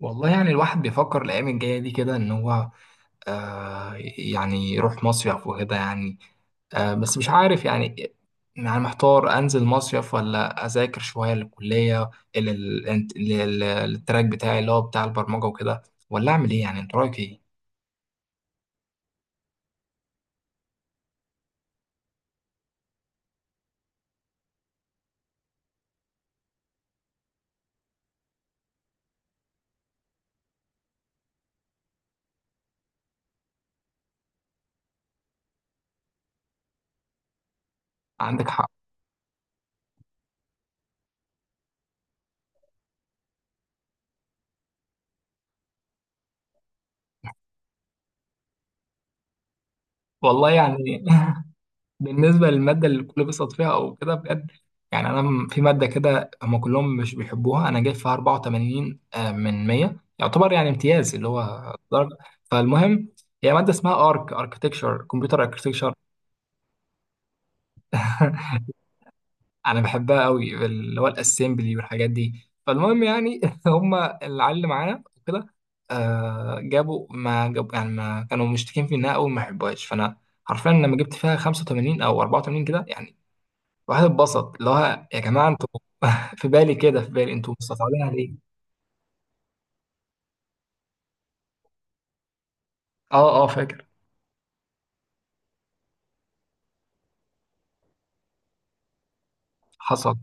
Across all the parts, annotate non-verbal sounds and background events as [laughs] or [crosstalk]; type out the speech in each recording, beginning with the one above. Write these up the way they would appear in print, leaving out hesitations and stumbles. والله يعني الواحد بيفكر الأيام الجاية دي كده إن هو يعني يروح مصيف وكده يعني. بس مش عارف يعني. يعني محتار أنزل مصيف ولا أذاكر شوية للكلية، لل- لل- للتراك بتاعي اللي هو بتاع البرمجة وكده، ولا أعمل إيه؟ يعني أنت رأيك إيه؟ عندك حق. والله يعني، بالنسبة للمادة اللي الكل بيسقط فيها أو كده بجد، يعني في مادة كده هما كلهم مش بيحبوها، أنا جايب فيها 84 من 100، يعتبر يعني امتياز اللي هو درجة. فالمهم، هي مادة اسمها أركتكشر، كمبيوتر أركتكشر. [laughs] أنا بحبها قوي اللي هو الأسمبلي والحاجات دي. فالمهم يعني [laughs] هما العيال اللي معانا وكده جابوا ما جابوا، يعني ما كانوا مشتكين في إنها أوي، ما يحبوهاش. فأنا حرفيا لما جبت فيها 85 أو 84 كده يعني الواحد اتبسط، اللي هو يا جماعه انتوا [laughs] في بالي كده، في بالي انتوا مستصعبينها ليه؟ اه اه فاكر. حصل.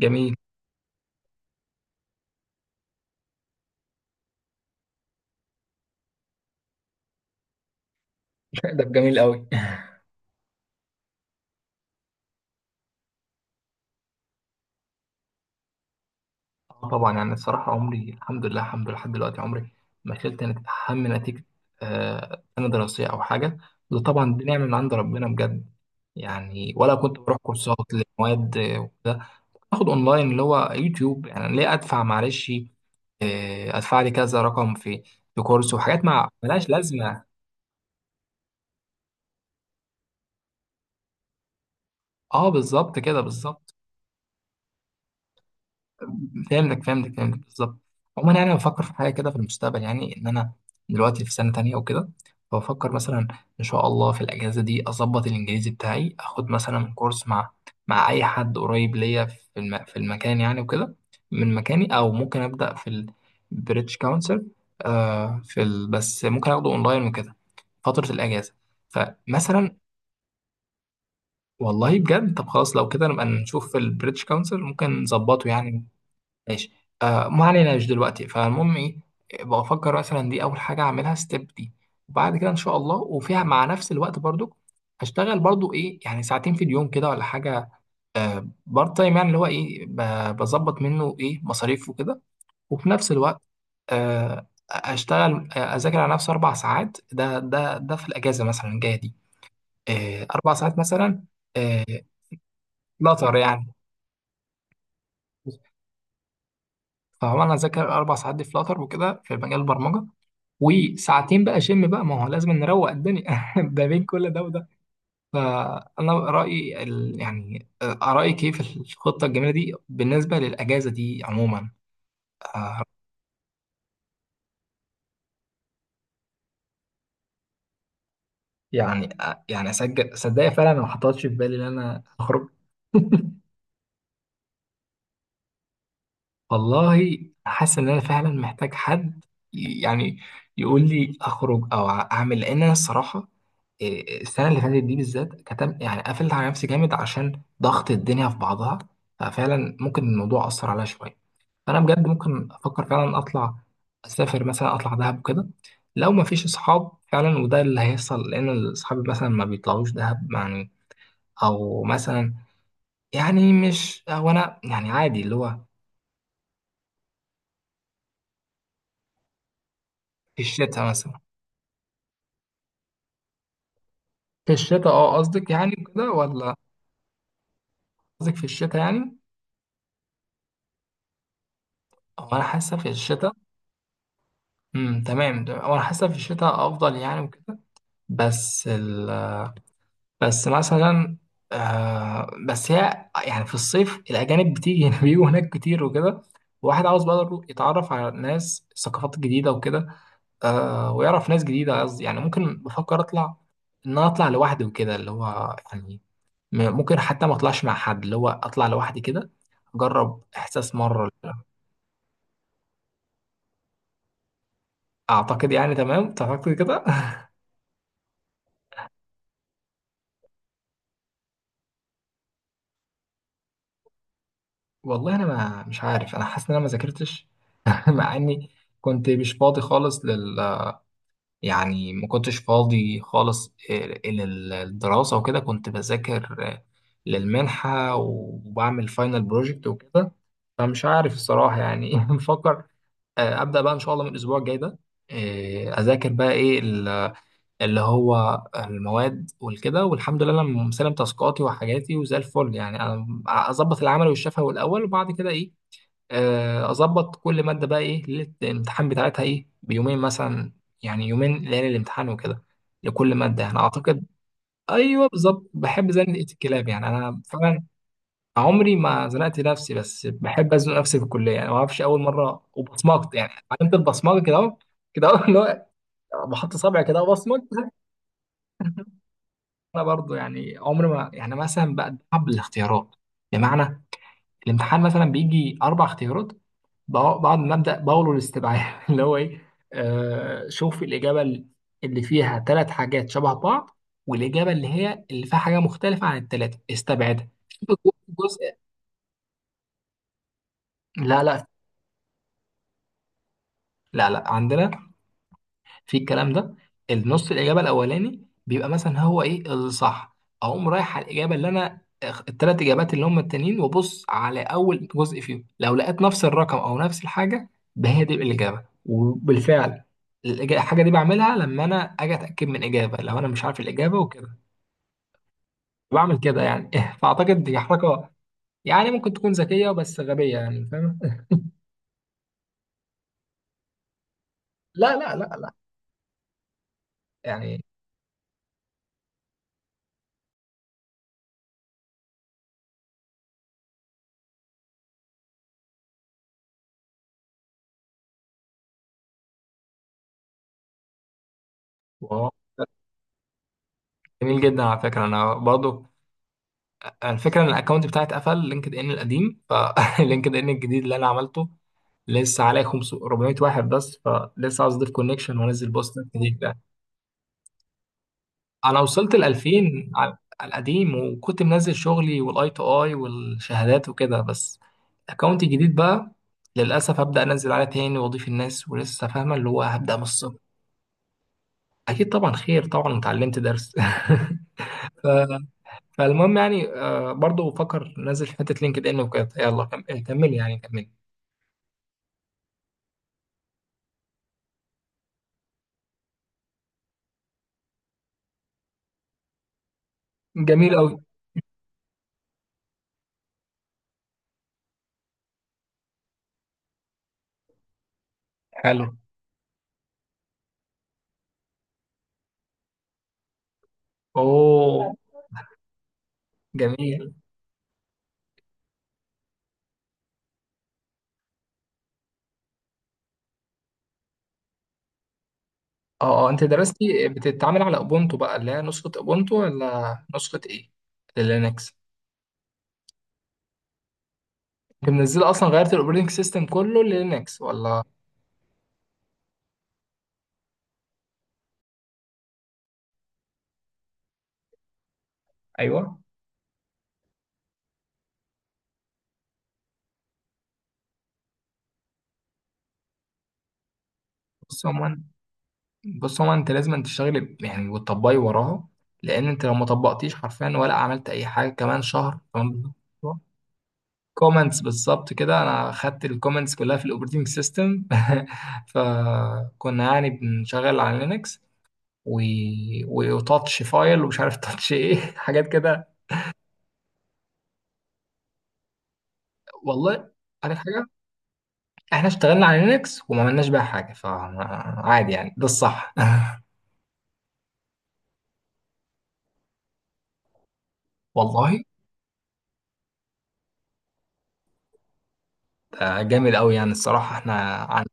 جميل. [laughs] ده جميل قوي. اه طبعا، يعني الصراحه، عمري الحمد لله الحمد لله لحد دلوقتي، عمري ما شلت هم نتيجه سنه دراسيه او حاجه. وده طبعا دي نعمه من عند ربنا بجد. يعني ولا كنت بروح كورسات لمواد، وكده. باخد اونلاين اللي هو يوتيوب. يعني ليه ادفع؟ معلش ادفع لي كذا رقم في كورس وحاجات مع ملهاش لازمه. اه بالظبط كده بالظبط. فهمتك فهمتك فهمتك بالظبط. عموما يعني أنا بفكر في حاجه كده في المستقبل، يعني ان انا دلوقتي في سنه تانية وكده، فبفكر مثلا ان شاء الله في الاجازه دي اظبط الانجليزي بتاعي، اخد مثلا كورس مع اي حد قريب ليا في في المكان يعني وكده، من مكاني او ممكن ابدا في البريتش كونسل، بس ممكن اخده اونلاين وكده فتره الاجازه. فمثلا والله بجد، طب خلاص، لو كده نبقى نشوف البريتش كونسل ممكن نظبطه يعني. ماشي. ما علينا، مش دلوقتي. فالمهم ايه، بفكر مثلا دي اول حاجه اعملها ستيب دي، وبعد كده ان شاء الله وفيها مع نفس الوقت برضو هشتغل برضو ايه، يعني ساعتين في اليوم كده ولا حاجه، بارت تايم، يعني اللي هو ايه، بظبط منه ايه مصاريف وكده، وفي نفس الوقت آه اشتغل آه، اذاكر على نفسي اربع ساعات ده في الاجازه مثلا الجايه دي، اربع ساعات مثلا. آه فلاتر يعني. فهو انا اذاكر اربع ساعات دي فلاتر وكده في مجال البرمجه، وساعتين بقى شم بقى، ما هو لازم نروق الدنيا [laughs] ده بين كل ده وده. فانا رايي ال... يعني آه، رايك ايه في الخطه الجميله دي بالنسبه للاجازه دي عموما؟ آه، يعني اسجل، صدقني فعلا أنا ما حطيتش في بالي ان انا اخرج. [laughs] والله حاسس ان انا فعلا محتاج حد يعني يقول لي اخرج او اعمل، لان انا الصراحه السنه اللي فاتت دي بالذات كتم، يعني قفلت على نفسي جامد عشان ضغط الدنيا في بعضها. ففعلا ممكن الموضوع اثر عليا شويه. فانا بجد ممكن افكر فعلا اطلع اسافر مثلا، اطلع دهب وكده لو ما فيش اصحاب فعلا، وده اللي هيحصل لان اصحابي مثلا ما بيطلعوش دهب يعني. او مثلا يعني مش وانا يعني عادي اللي هو في الشتاء مثلا. في الشتاء اه قصدك يعني كده ولا؟ قصدك في الشتاء يعني. هو انا حاسه في الشتاء. تمام هو انا حاسه في الشتاء افضل يعني وكده. بس بس مثلا بس هي يعني في الصيف الاجانب بتيجي [laughs] بيجوا هناك كتير وكده، واحد عاوز بقى يروح يتعرف على ناس ثقافات جديده وكده، ويعرف ناس جديده. قصدي يعني ممكن بفكر اطلع ان انا اطلع لوحدي وكده، اللي هو يعني ممكن حتى ما اطلعش مع حد، اللي هو اطلع لوحدي كده اجرب احساس مره. اعتقد يعني تمام، تعتقد كده؟ [laughs] والله انا ما مش عارف، انا حاسس ان انا ما ذاكرتش. [laughs] مع اني كنت مش فاضي خالص يعني ما كنتش فاضي خالص للدراسه وكده. كنت بذاكر للمنحه وبعمل فاينل بروجكت وكده. فمش عارف الصراحه يعني. [laughs] بفكر ابدا بقى ان شاء الله من الاسبوع الجاي ده، اذاكر بقى ايه اللي هو المواد والكده. والحمد لله انا مسلم تاسكاتي وحاجاتي وزي الفل، يعني انا اظبط العمل والشفوي الاول وبعد كده ايه، اظبط كل ماده بقى ايه ليله الامتحان بتاعتها، ايه بيومين مثلا يعني، يومين ليالي الامتحان وكده لكل ماده يعني اعتقد. ايوه بالظبط، بحب زنقه الكلاب يعني انا فعلا. عمري ما زنقت نفسي، بس بحب ازنق نفسي في الكليه يعني، ما اعرفش اول مره وبصمجت يعني. عملت البصمجه كده اهو، كده اهو اللي هو بحط صبعي كده وبصمج. انا برضو يعني عمر ما يعني مثلا بتعب بالاختيارات، بمعنى الامتحان مثلا بيجي اربع اختيارات، بعد ما ابدا بقوله الاستبعاد [laughs] اللي هو ايه، شوف الاجابه اللي فيها ثلاث حاجات شبه بعض، والاجابه اللي هي اللي فيها حاجه مختلفه عن الثلاثه استبعدها شوف الجزء. لا لا لا لا، عندنا في الكلام ده النص الاجابه الاولاني بيبقى مثلا هو ايه الصح اقوم رايح على الاجابه اللي انا الثلاث اجابات اللي هم التانيين وابص على اول جزء فيهم لو لقيت نفس الرقم او نفس الحاجه ده هي دي الاجابه وبالفعل الإجا- الحاجه دي بعملها لما انا اجي اتاكد من اجابه لو انا مش عارف الاجابه وكده بعمل كده يعني [laughs] فاعتقد دي حركه يعني ممكن تكون ذكيه بس غبيه يعني فاهم لا لا لا لا يعني واو. جميل جدا، على فكره انا برضو، الفكره ان الاكونت بتاعي اتقفل، لينكد ان القديم، فلينكد ان [laughs] الجديد اللي انا عملته لسه عليه 500 400 واحد بس، فلسه عاوز اضيف كونكشن وانزل بوست جديد ده. انا وصلت ل 2000 على القديم، وكنت منزل شغلي والاي تو اي والشهادات وكده. بس الاكونت الجديد بقى للاسف هبدا انزل عليه تاني واضيف الناس ولسه فاهمه اللي هو هبدا من الصفر. اكيد طبعا خير، طبعا اتعلمت درس. [laughs] ف فالمهم يعني برضه بفكر نزل حته لينكد ان وكده. يلا كملي يعني كملي. جميل قوي. حلو. اوه. جميل. اه اه انت درستي بتتعامل على اوبونتو بقى اللي هي نسخه اوبونتو ولا نسخه ايه؟ لينكس. انت منزله اصلا؟ غيرت الاوبريتنج سيستم كله للينكس ولا؟ ايوه. بص عموما بص عموما انت لازم تشتغلي يعني وتطبقي وراها، لان انت لو ما طبقتيش حرفيا ولا عملت اي حاجه كمان شهر كمان. كومنتس بالظبط كده، انا خدت الكومنتس كلها في الاوبريتنج سيستم. [laughs] فكنا يعني بنشغل على لينكس و... وتاتش فايل ومش عارف تاتش ايه [laughs] حاجات كده. والله عارف حاجه، احنا اشتغلنا على لينكس وما عملناش بيها حاجه، فعادي يعني، ده الصح. [laughs] والله ده جامد قوي يعني الصراحه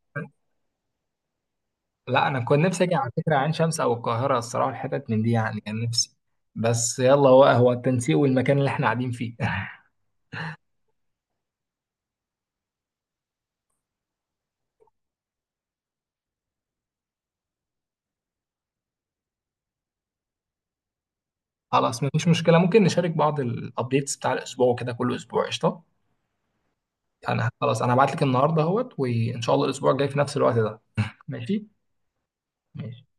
لا انا كنت نفسي اجي على فكره عين شمس او القاهره الصراحه، الحتت من دي يعني كان نفسي. بس يلا، هو هو التنسيق والمكان اللي احنا قاعدين فيه. [laughs] خلاص مفيش مشكلة، ممكن نشارك بعض الابديتس بتاع الاسبوع وكده كل اسبوع، قشطة. انا خلاص، انا هبعت لك النهاردة اهوت وان شاء الله الاسبوع الجاي في نفس الوقت ده. ماشي. ماشي.